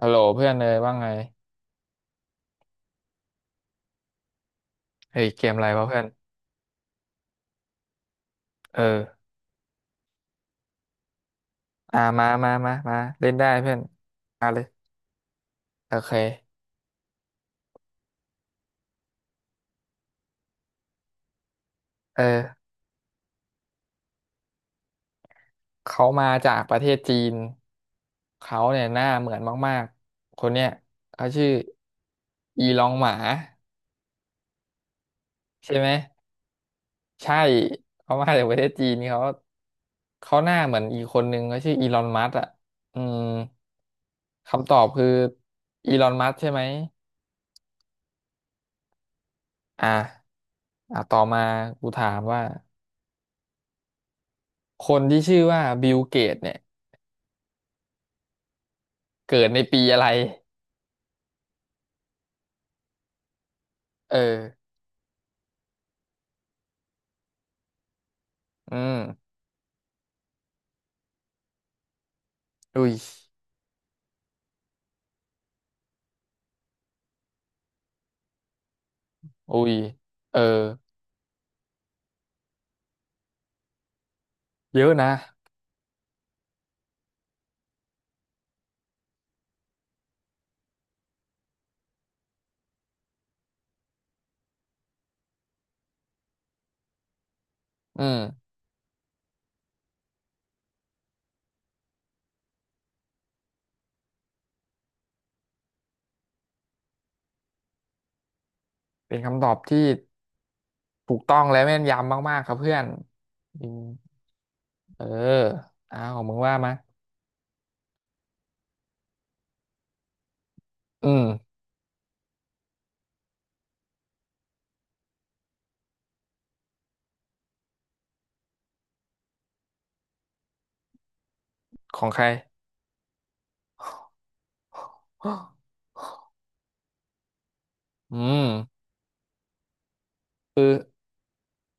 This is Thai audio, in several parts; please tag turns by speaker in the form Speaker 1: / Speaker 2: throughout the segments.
Speaker 1: ฮัลโหลเพื่อนเลยว่าไงเฮ้ยเกมอะไรวะเพื่อนเอออ่ามามามามาเล่นได้เพื่อนมาเลยโอเคเออเขามาจากประเทศจีนเขาเนี่ยหน้าเหมือนมากๆคนเนี้ยเขาชื่ออีลองหมาใช่ไหมใช่เขามาจากประเทศจีนเขาหน้าเหมือนอีกคนนึงเขาชื่ออีลอนมัสก์อ่ะอืมคำตอบคืออีลอนมัสก์ใช่ไหมอ่ะอ่ะต่อมากูถามว่า คนที่ชื่อว่าบิลเกตเนี่ยเกิดในปีอะไรเอออืมอุ้ยอุ้ยเออเยอะนะอืมเป็นคำตอบที่ถูกต้องและแม่นยำมากๆครับเพื่อนอืมเอออ้าวมึงว่ามาอืมของใคร อืม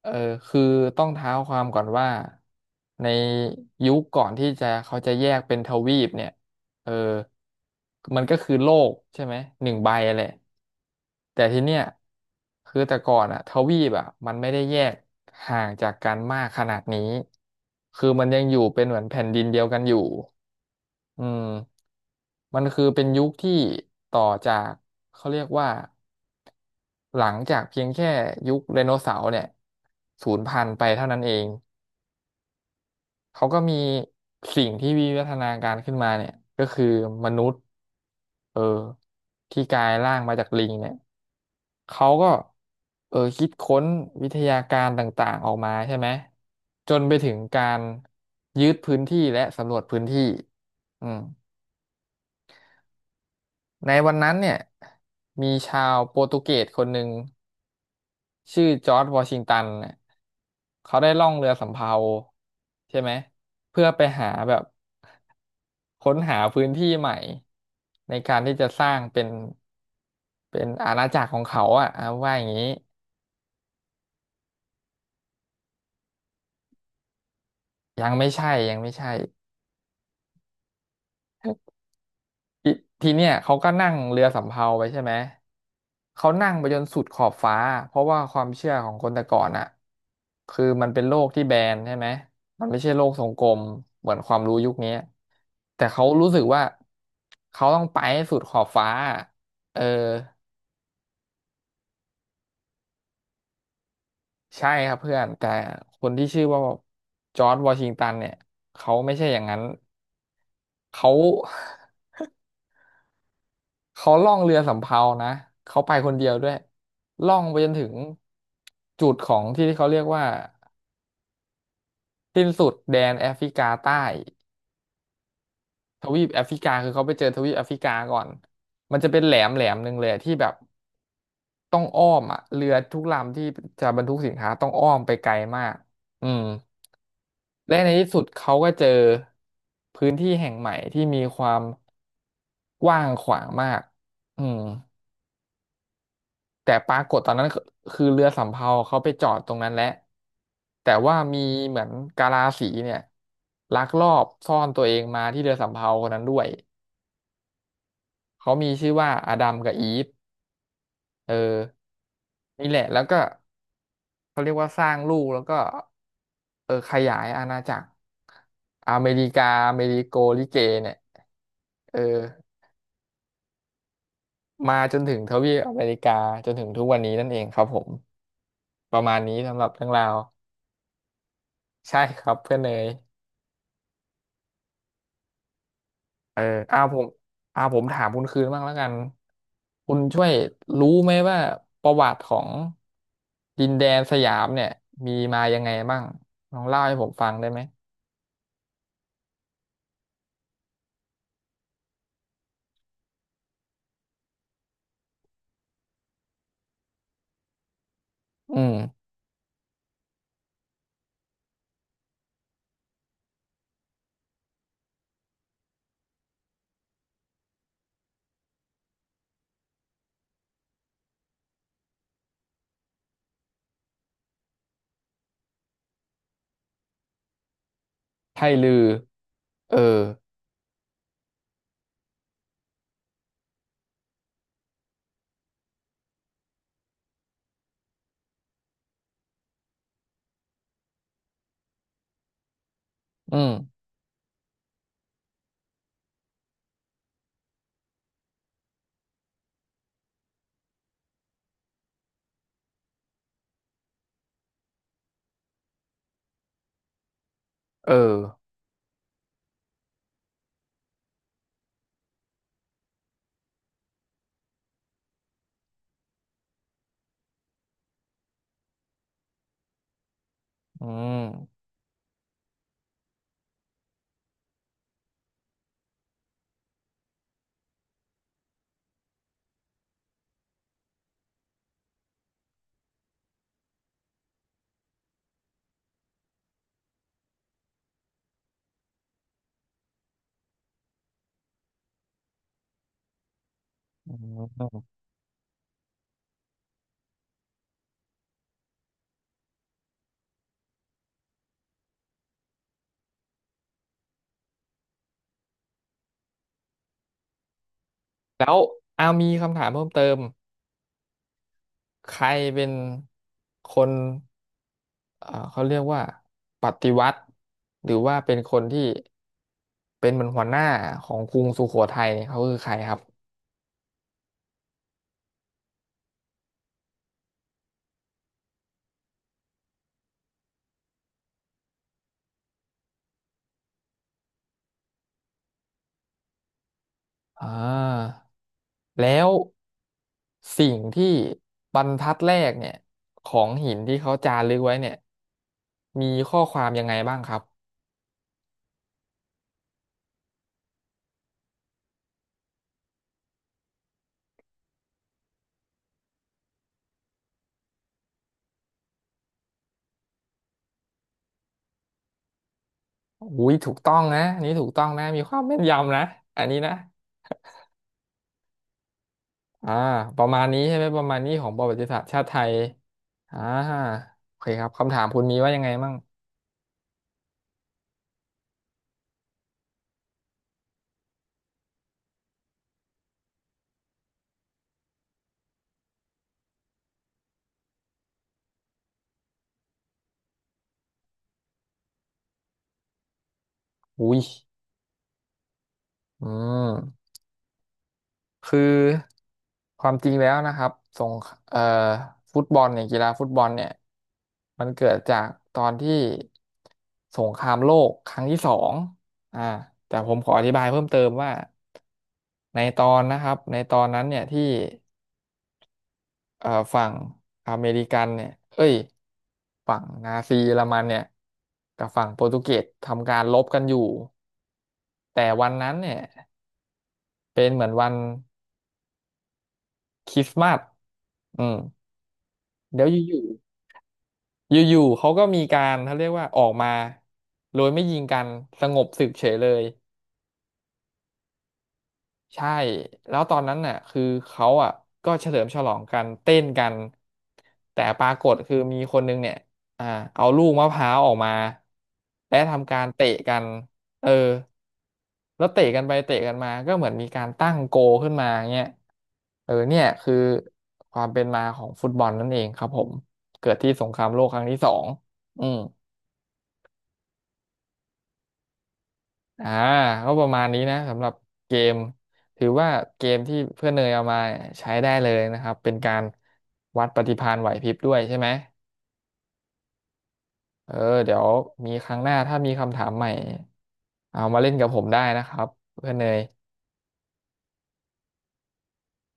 Speaker 1: เออคือต้องเท้าความก่อนว่าในยุคก่อนที่จะเขาจะแยกเป็นทวีปเนี่ยเออมันก็คือโลกใช่ไหมหนึ่งใบแหละแต่ทีเนี้ยคือแต่ก่อนอะทวีปอะมันไม่ได้แยกห่างจากกันมากขนาดนี้คือมันยังอยู่เป็นเหมือนแผ่นดินเดียวกันอยู่อืมมันคือเป็นยุคที่ต่อจากเขาเรียกว่า หลังจากเพียงแค่ยุคไดโนเสาร์เนี่ยสูญพันธุ์ไปเท่านั้นเองเขาก็มีสิ่งที่วิวัฒนาการขึ้นมาเนี่ยก็คือมนุษย์เออที่กลายร่างมาจากลิงเนี่ยเขาก็คิดค้นวิทยาการต่างๆออกมาใช่ไหมจนไปถึงการยึดพื้นที่และสำรวจพื้นที่อืมในวันนั้นเนี่ยมีชาวโปรตุเกสคนหนึ่ง ชื่อจอร์จวอชิงตันน่ะเขาได้ล่องเรือสำเภาใช่ไหมเพื่อไปหาแบบค้นหาพื้นที่ใหม่ในการที่จะสร้างเป็นเป็นอาณาจักรของเขาอ่ะเอาว่าอย่างนี้ยังไม่ใช่ยังไม่ใช่ ทีทีเนี้ยเขาก็นั่งเรือสำเภาไปใช่ไหมเขานั่งไปจนสุดขอบฟ้าเพราะว่าความเชื่อของคนแต่ก่อนอะคือมันเป็นโลกที่แบนใช่ไหมมันไม่ใช่โลกทรงกลมเหมือนความรู้ยุคนี้แต่เขารู้สึกว่าเขาต้องไปให้สุดขอบฟ้าเออใช่ครับเพื่อนแต่คนที่ชื่อว่าจอร์จวอชิงตันเนี่ยเขาไม่ใช่อย่างนั้นเขา เขาล่องเรือสำเภานะเขาไปคนเดียวด้วยล่องไปจนถึงจุดของที่ที่เขาเรียกว่าสิ้นสุดแดนแอฟริกาใต้ทวีปแอฟริกาคือเขาไปเจอทวีปแอฟริกาก่อนมันจะเป็นแหลมแหลมหนึ่งเลยที่แบบต้องอ้อมอ่ะเรือทุกลำที่จะบรรทุกสินค้าต้องอ้อมไปไกลมากอืมและในที่สุดเขาก็เจอพื้นที่แห่งใหม่ที่มีความกว้างขวางมากอืม แต่ปรากฏตอนนั้นคือเรือสำเภาเขาไปจอดตรงนั้นแหละแต่ว่ามีเหมือนกาลาสีเนี่ยลักลอบซ่อนตัวเองมาที่เรือสำเภาคนนั้นด้วยเขามีชื่อว่าอดัมกับอีฟเออนี่แหละแล้วก็เขาเรียกว่าสร้างลูกแล้วก็ขยายอาณาจักรอเมริกาอเมริโกลิเกเนี่ยเออมาจนถึงทวีปอเมริกาจนถึงทุกวันนี้นั่นเองครับผมประมาณนี้สำหรับเรื่องราวใช่ครับเพื่อนเนย เออเอาผมเอาผมถามคุณคืนบ้างแล้วกันคุณช่วยรู้ไหมว่าประวัติของดินแดนสยามเนี่ยมีมายังไงบ้างลองเล่าให้ผมฟังได้ไหมอืมไทลือเอออืมเอออืมอืมแล้วอามีคำถามเพิ่มเติมใครเป็นคน เอ่อเขาเรียกว่าปฏิวัติหรือว่าเป็นคนที่เป็นเหมือนหัวหน้าของกรุงสุโขทัยเนี่ยเขาคือใครครับอ่าแล้วสิ่งที่บรรทัดแรกเนี่ยของหินที่เขาจารึกไว้เนี่ยมีข้อความยังไงบ้างครับอุ้ยถูกต้องนะอันนี่ถูกต้องนะมีความแม่นยำนะอันนี้นะอ่าประมาณนี้ใช่ไหมประมาณนี้ของประวัติศาสตร์ชาติไทยอ่าโอเคครับคำถามคุณมีว่ายังไงมั่งอุ้ย อืมคือความจริงแล้วนะครับสงคเอ่อฟุตบอลเนี่ยกีฬาฟุตบอลเนี่ยมันเกิดจากตอนที่สงครามโลกครั้งที่สองอ่าแต่ผมขออธิบายเพิ่มเติมว่าในตอนนะครับในตอนนั้นเนี่ยที่เอ่อฝั่งอเมริกันเนี่ยเอ้ยฝั่งนาซีเยอรมันเนี่ยกับฝั่งโปรตุเกสทำการรบกันอยู่แต่วันนั้นเนี่ยเป็นเหมือนวันคริสต์มาสอืม เดี๋ยวอยู่ๆอยู่ๆเขาก็มีการเขาเรียกว่าออกมาโดยไม่ยิงกันสงบศึกเฉยเลย ใช่แล้วตอนนั้นน่ะคือเขาอ่ะก็เฉลิมฉลองกันเต้นกันแต่ปรากฏคือมีคนนึงเนี่ยอ่าเอาลูกมะพร้าวออกมาและทำการเตะกันเออแล้วเตะกันไปเตะกันมาก็เหมือนมีการตั้งโกลขึ้นมาเงี้ยเนี่ยคือความเป็นมาของฟุตบอลนั่นเองครับผมเกิดที่สงครามโลกครั้งที่สองอืม อ่าก็ประมาณนี้นะสำหรับเกมถือว่าเกมที่เพื่อนเนยเอามาใช้ได้เลยนะครับเป็นการวัดปฏิภาณไหวพริบด้วยใช่ไหมเออเดี๋ยวมีครั้งหน้าถ้ามีคำถามใหม่เอามาเล่นกับผมได้นะครับเพื่อนเนย